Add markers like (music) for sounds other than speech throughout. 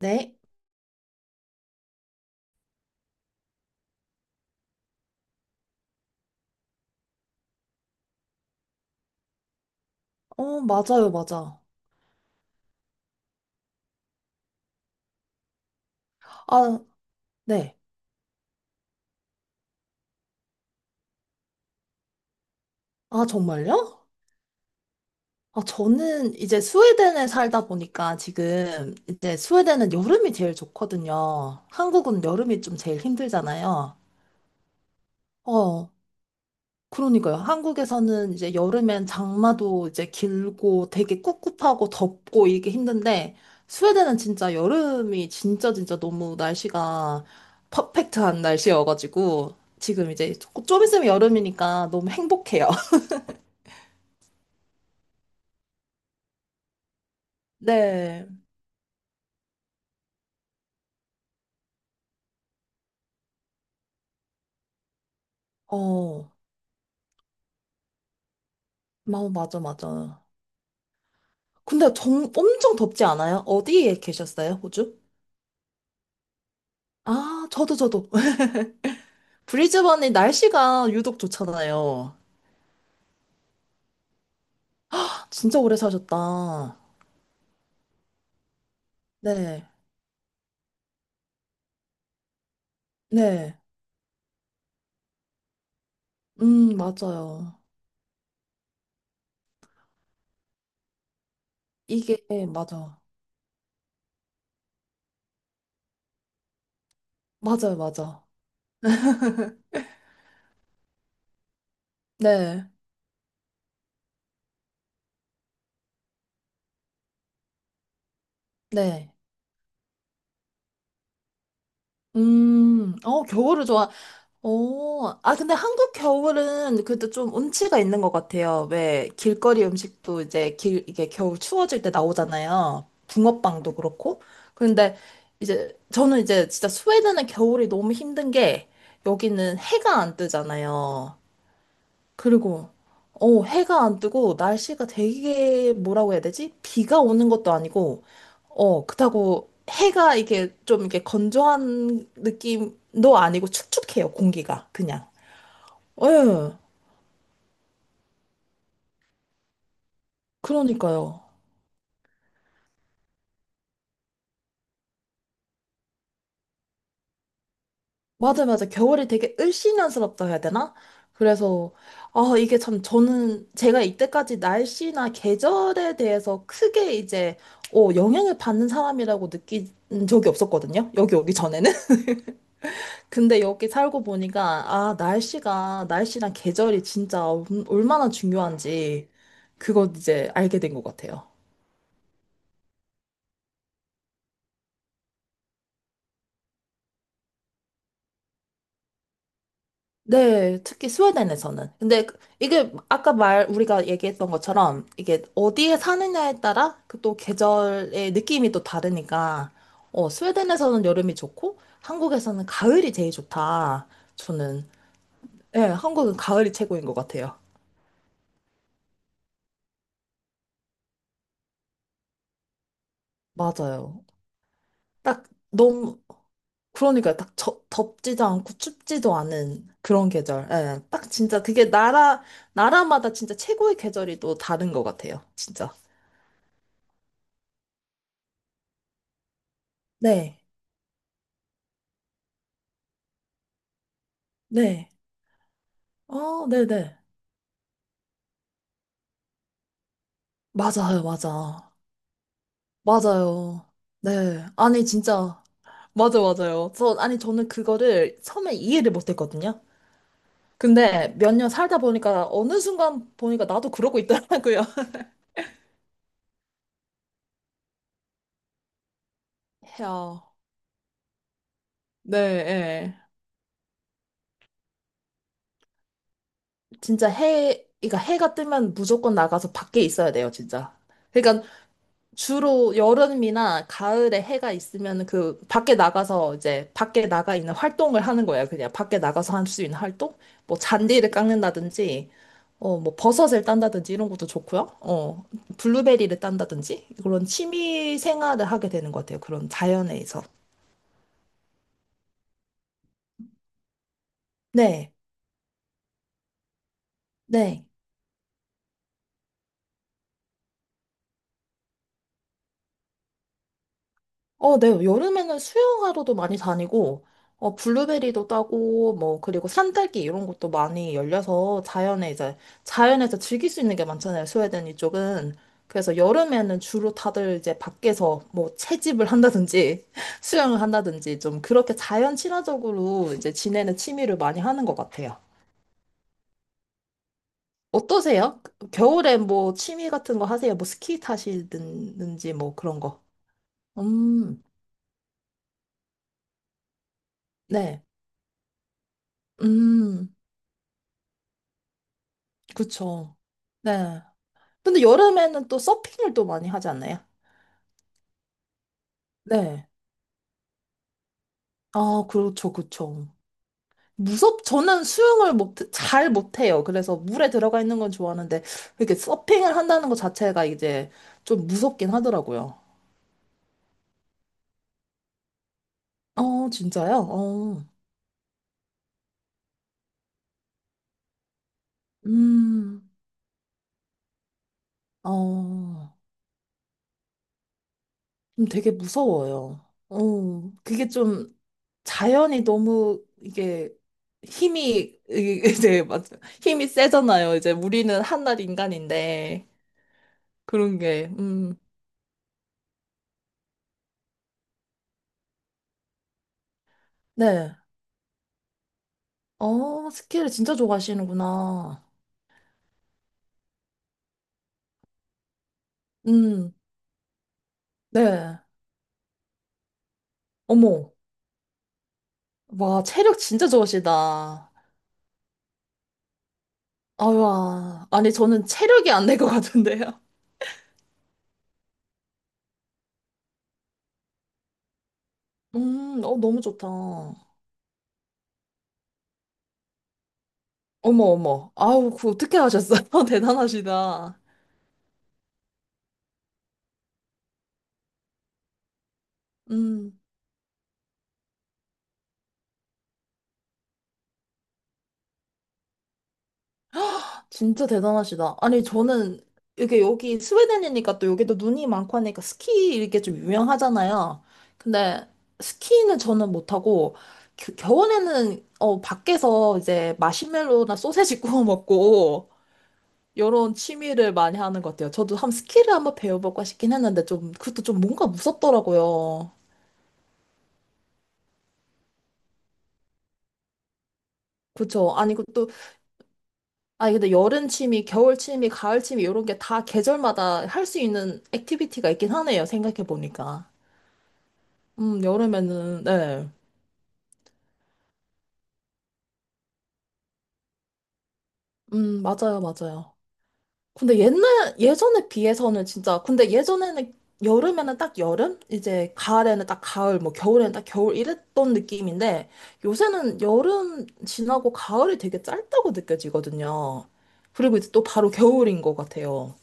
네. 어, 맞아요, 맞아. 아, 네. 아, 정말요? 아, 저는 이제 스웨덴에 살다 보니까 지금 이제 스웨덴은 여름이 제일 좋거든요. 한국은 여름이 좀 제일 힘들잖아요. 어, 그러니까요. 한국에서는 이제 여름엔 장마도 이제 길고 되게 꿉꿉하고 덥고 이게 힘든데 스웨덴은 진짜 여름이 진짜 진짜 너무 날씨가 퍼펙트한 날씨여가지고 지금 이제 좀 있으면 여름이니까 너무 행복해요. 네. 어, 맞아, 맞아. 근데 엄청 덥지 않아요? 어디에 계셨어요, 호주? 아, 저도, 저도. (laughs) 브리즈번이 날씨가 유독 좋잖아요. 아, 진짜 오래 사셨다. 네, 네. 맞아요. 이게, 네, 맞아. 맞아요, 맞아. 네, 네. 어, 겨울을 좋아. 어, 아, 근데 한국 겨울은 그래도 좀 운치가 있는 것 같아요. 왜, 길거리 음식도 이제 이게 겨울 추워질 때 나오잖아요. 붕어빵도 그렇고. 그런데 이제, 저는 이제 진짜 스웨덴은 겨울이 너무 힘든 게, 여기는 해가 안 뜨잖아요. 그리고, 해가 안 뜨고, 날씨가 되게, 뭐라고 해야 되지? 비가 오는 것도 아니고, 그렇다고 해가 이게 좀 이렇게 건조한 느낌도 아니고 축축해요, 공기가. 그냥. 예, 그러니까요. 맞아, 맞아. 겨울이 되게 을씨년스럽다 해야 되나? 그래서, 아, 이게 참 저는 제가 이때까지 날씨나 계절에 대해서 크게 이제, 영향을 받는 사람이라고 느낀 적이 없었거든요. 여기 오기 전에는. (laughs) 근데 여기 살고 보니까, 아, 날씨랑 계절이 진짜 얼마나 중요한지, 그걸 이제 알게 된 것 같아요. 네, 특히 스웨덴에서는. 근데 이게 아까 말 우리가 얘기했던 것처럼 이게 어디에 사느냐에 따라 그 또 계절의 느낌이 또 다르니까 스웨덴에서는 여름이 좋고 한국에서는 가을이 제일 좋다. 저는 예, 한국은 가을이 최고인 것 같아요. 맞아요. 딱 너무 그러니까 딱 덥지도 않고 춥지도 않은 그런 계절. 예, 딱 진짜 그게 나라마다 진짜 최고의 계절이 또 다른 것 같아요. 진짜. 네. 네. 아, 네네. 맞아요, 맞아. 맞아요. 네. 아니, 진짜. 맞아, 맞아요. 아니, 저는 그거를 처음에 이해를 못 했거든요. 근데 몇 년 살다 보니까 어느 순간 보니까 나도 그러고 있더라고요. (laughs) 해요. 네, 예. 진짜 그러니까 해가 뜨면 무조건 나가서 밖에 있어야 돼요, 진짜. 그러니까 주로 여름이나 가을에 해가 있으면 그 밖에 나가서 이제 밖에 나가 있는 활동을 하는 거예요. 그냥 밖에 나가서 할 수 있는 활동? 뭐 잔디를 깎는다든지, 뭐 버섯을 딴다든지 이런 것도 좋고요. 블루베리를 딴다든지 그런 취미 생활을 하게 되는 것 같아요. 그런 자연에서. 네, 네. 어, 네. 여름에는 수영하러도 많이 다니고, 블루베리도 따고, 뭐, 그리고 산딸기 이런 것도 많이 열려서 자연에 이제, 자연에서 즐길 수 있는 게 많잖아요. 스웨덴 이쪽은. 그래서 여름에는 주로 다들 이제 밖에서 뭐 채집을 한다든지 (laughs) 수영을 한다든지 좀 그렇게 자연 친화적으로 이제 지내는 취미를 많이 하는 것 같아요. 어떠세요? 겨울에 뭐 취미 같은 거 하세요? 뭐 스키 타시든지 뭐 그런 거. 음, 네. 음. 그쵸. 네. 근데 여름에는 또 서핑을 또 많이 하지 않나요? 네. 아, 그렇죠, 그렇죠. 저는 수영을 못, 잘 못해요. 그래서 물에 들어가 있는 건 좋아하는데, 이렇게 서핑을 한다는 것 자체가 이제 좀 무섭긴 하더라고요. 어, 진짜요? 음, 어, 좀 되게 무서워요. 어, 그게 좀 자연이 너무 이게 힘이 (laughs) 이- 제 맞 힘이 세잖아요. 이제 우리는 한낱 인간인데 그런 게 네. 스키를 진짜 좋아하시는구나. 음. 네. 어머. 와, 체력 진짜 좋으시다. 아 와. 아니 저는 체력이 안 될 것 같은데요. (laughs) 너무 좋다. 어머 어머. 아우, 그 어떻게 하셨어요? (laughs) 대단하시다. 음. 진짜 대단하시다. 아니, 저는 이게 여기 스웨덴이니까 또 여기도 눈이 많고 하니까 스키 이게 좀 유명하잖아요. 근데 스키는 저는 못하고 겨울에는 밖에서 이제 마시멜로나 소세지 (laughs) 구워 먹고 이런 취미를 많이 하는 것 같아요. 저도 한 스키를 한번 배워볼까 싶긴 했는데 좀 그것도 좀 뭔가 무섭더라고요. 그쵸. 아니, 아니, 근데 여름 취미, 겨울 취미, 가을 취미, 이런 게 다 계절마다 할 수 있는 액티비티가 있긴 하네요. 생각해보니까. 여름에는, 네. 맞아요, 맞아요. 근데 예전에 비해서는 진짜, 근데 예전에는, 여름에는 딱 여름? 이제 가을에는 딱 가을, 뭐 겨울에는 딱 겨울 이랬던 느낌인데, 요새는 여름 지나고 가을이 되게 짧다고 느껴지거든요. 그리고 이제 또 바로 겨울인 것 같아요.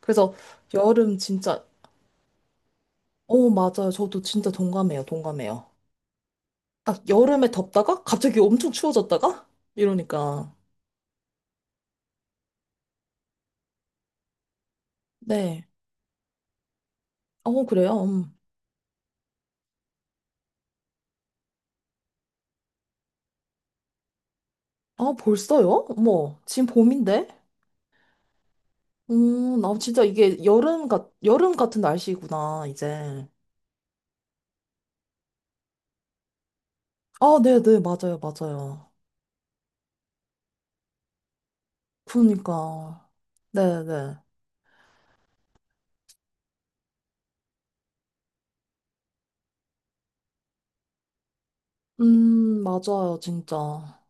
그래서 여름 진짜, 어, 맞아요. 저도 진짜 동감해요, 동감해요. 딱 여름에 덥다가 갑자기 엄청 추워졌다가? 이러니까. 네. 어, 그래요. 음. 아, 벌써요? 어머, 지금 봄인데? 나 진짜 이게 여름 같은 날씨구나, 이제. 아, 네네, 맞아요, 맞아요. 그러니까. 네네. 맞아요, 진짜.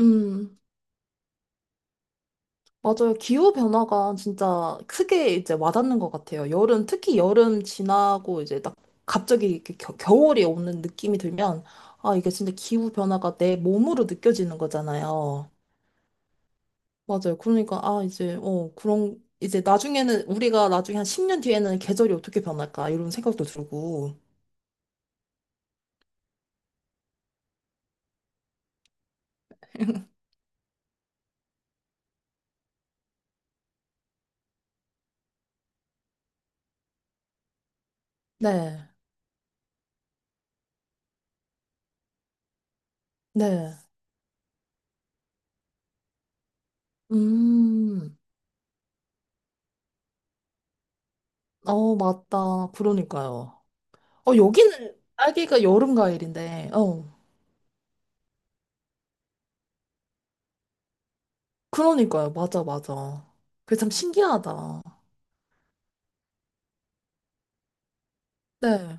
음, 맞아요. 기후변화가 진짜 크게 이제 와닿는 것 같아요. 여름, 특히 여름 지나고 이제 딱 갑자기 이렇게 겨울이 오는 느낌이 들면, 아, 이게 진짜 기후변화가 내 몸으로 느껴지는 거잖아요. 맞아요. 그러니까, 아, 이제, 그런, 이제 나중에는, 우리가 나중에 한 10년 뒤에는 계절이 어떻게 변할까, 이런 생각도 들고. 네, 네. 음, 어, 맞다. 그러니까요. 여기는 딸기가 여름 과일인데, 어, 그러니까요. 맞아, 맞아. 그게 참 신기하다. 네,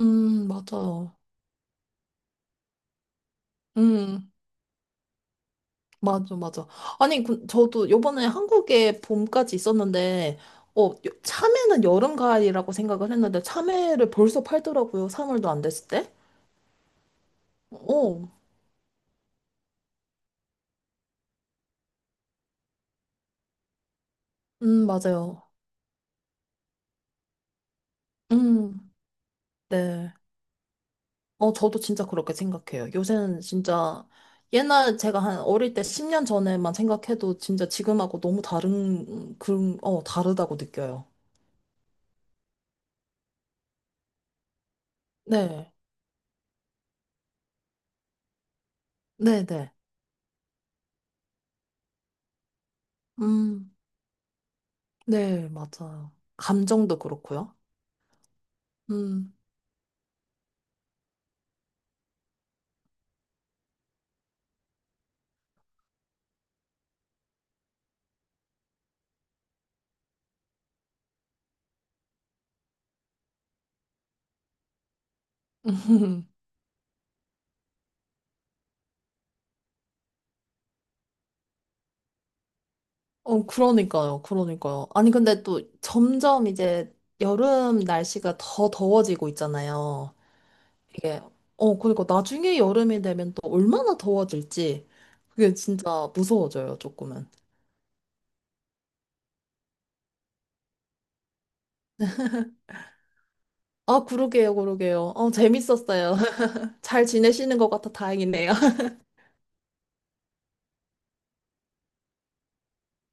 맞아요. 음. 맞아, 맞아. 아니, 그, 저도 요번에 한국에 봄까지 있었는데, 어, 요- 참외는 여름, 가을이라고 생각을 했는데, 참외를 벌써 팔더라고요. 3월도 안 됐을 때. 어, 맞아요. 음, 네. 저도 진짜 그렇게 생각해요. 요새는 진짜, 옛날 제가 한 어릴 때 10년 전에만 생각해도 진짜 지금하고 너무 다른, 그런, 다르다고 느껴요. 네, 네, 네. 음, 네, 맞아요. 감정도 그렇고요. 음. (laughs) 그러니까요, 그러니까요. 아니, 근데 또 점점 이제 여름 날씨가 더 더워지고 있잖아요. 이게, 그러니까 나중에 여름이 되면 또 얼마나 더워질지 그게 진짜 무서워져요, 조금은. 아, 그러게요, 그러게요. 재밌었어요. (laughs) 잘 지내시는 것 같아 다행이네요. (laughs)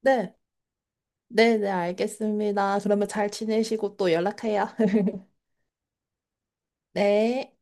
네, 네, 네, 알겠습니다. 그러면 잘 지내시고 또 연락해요. (laughs) 네.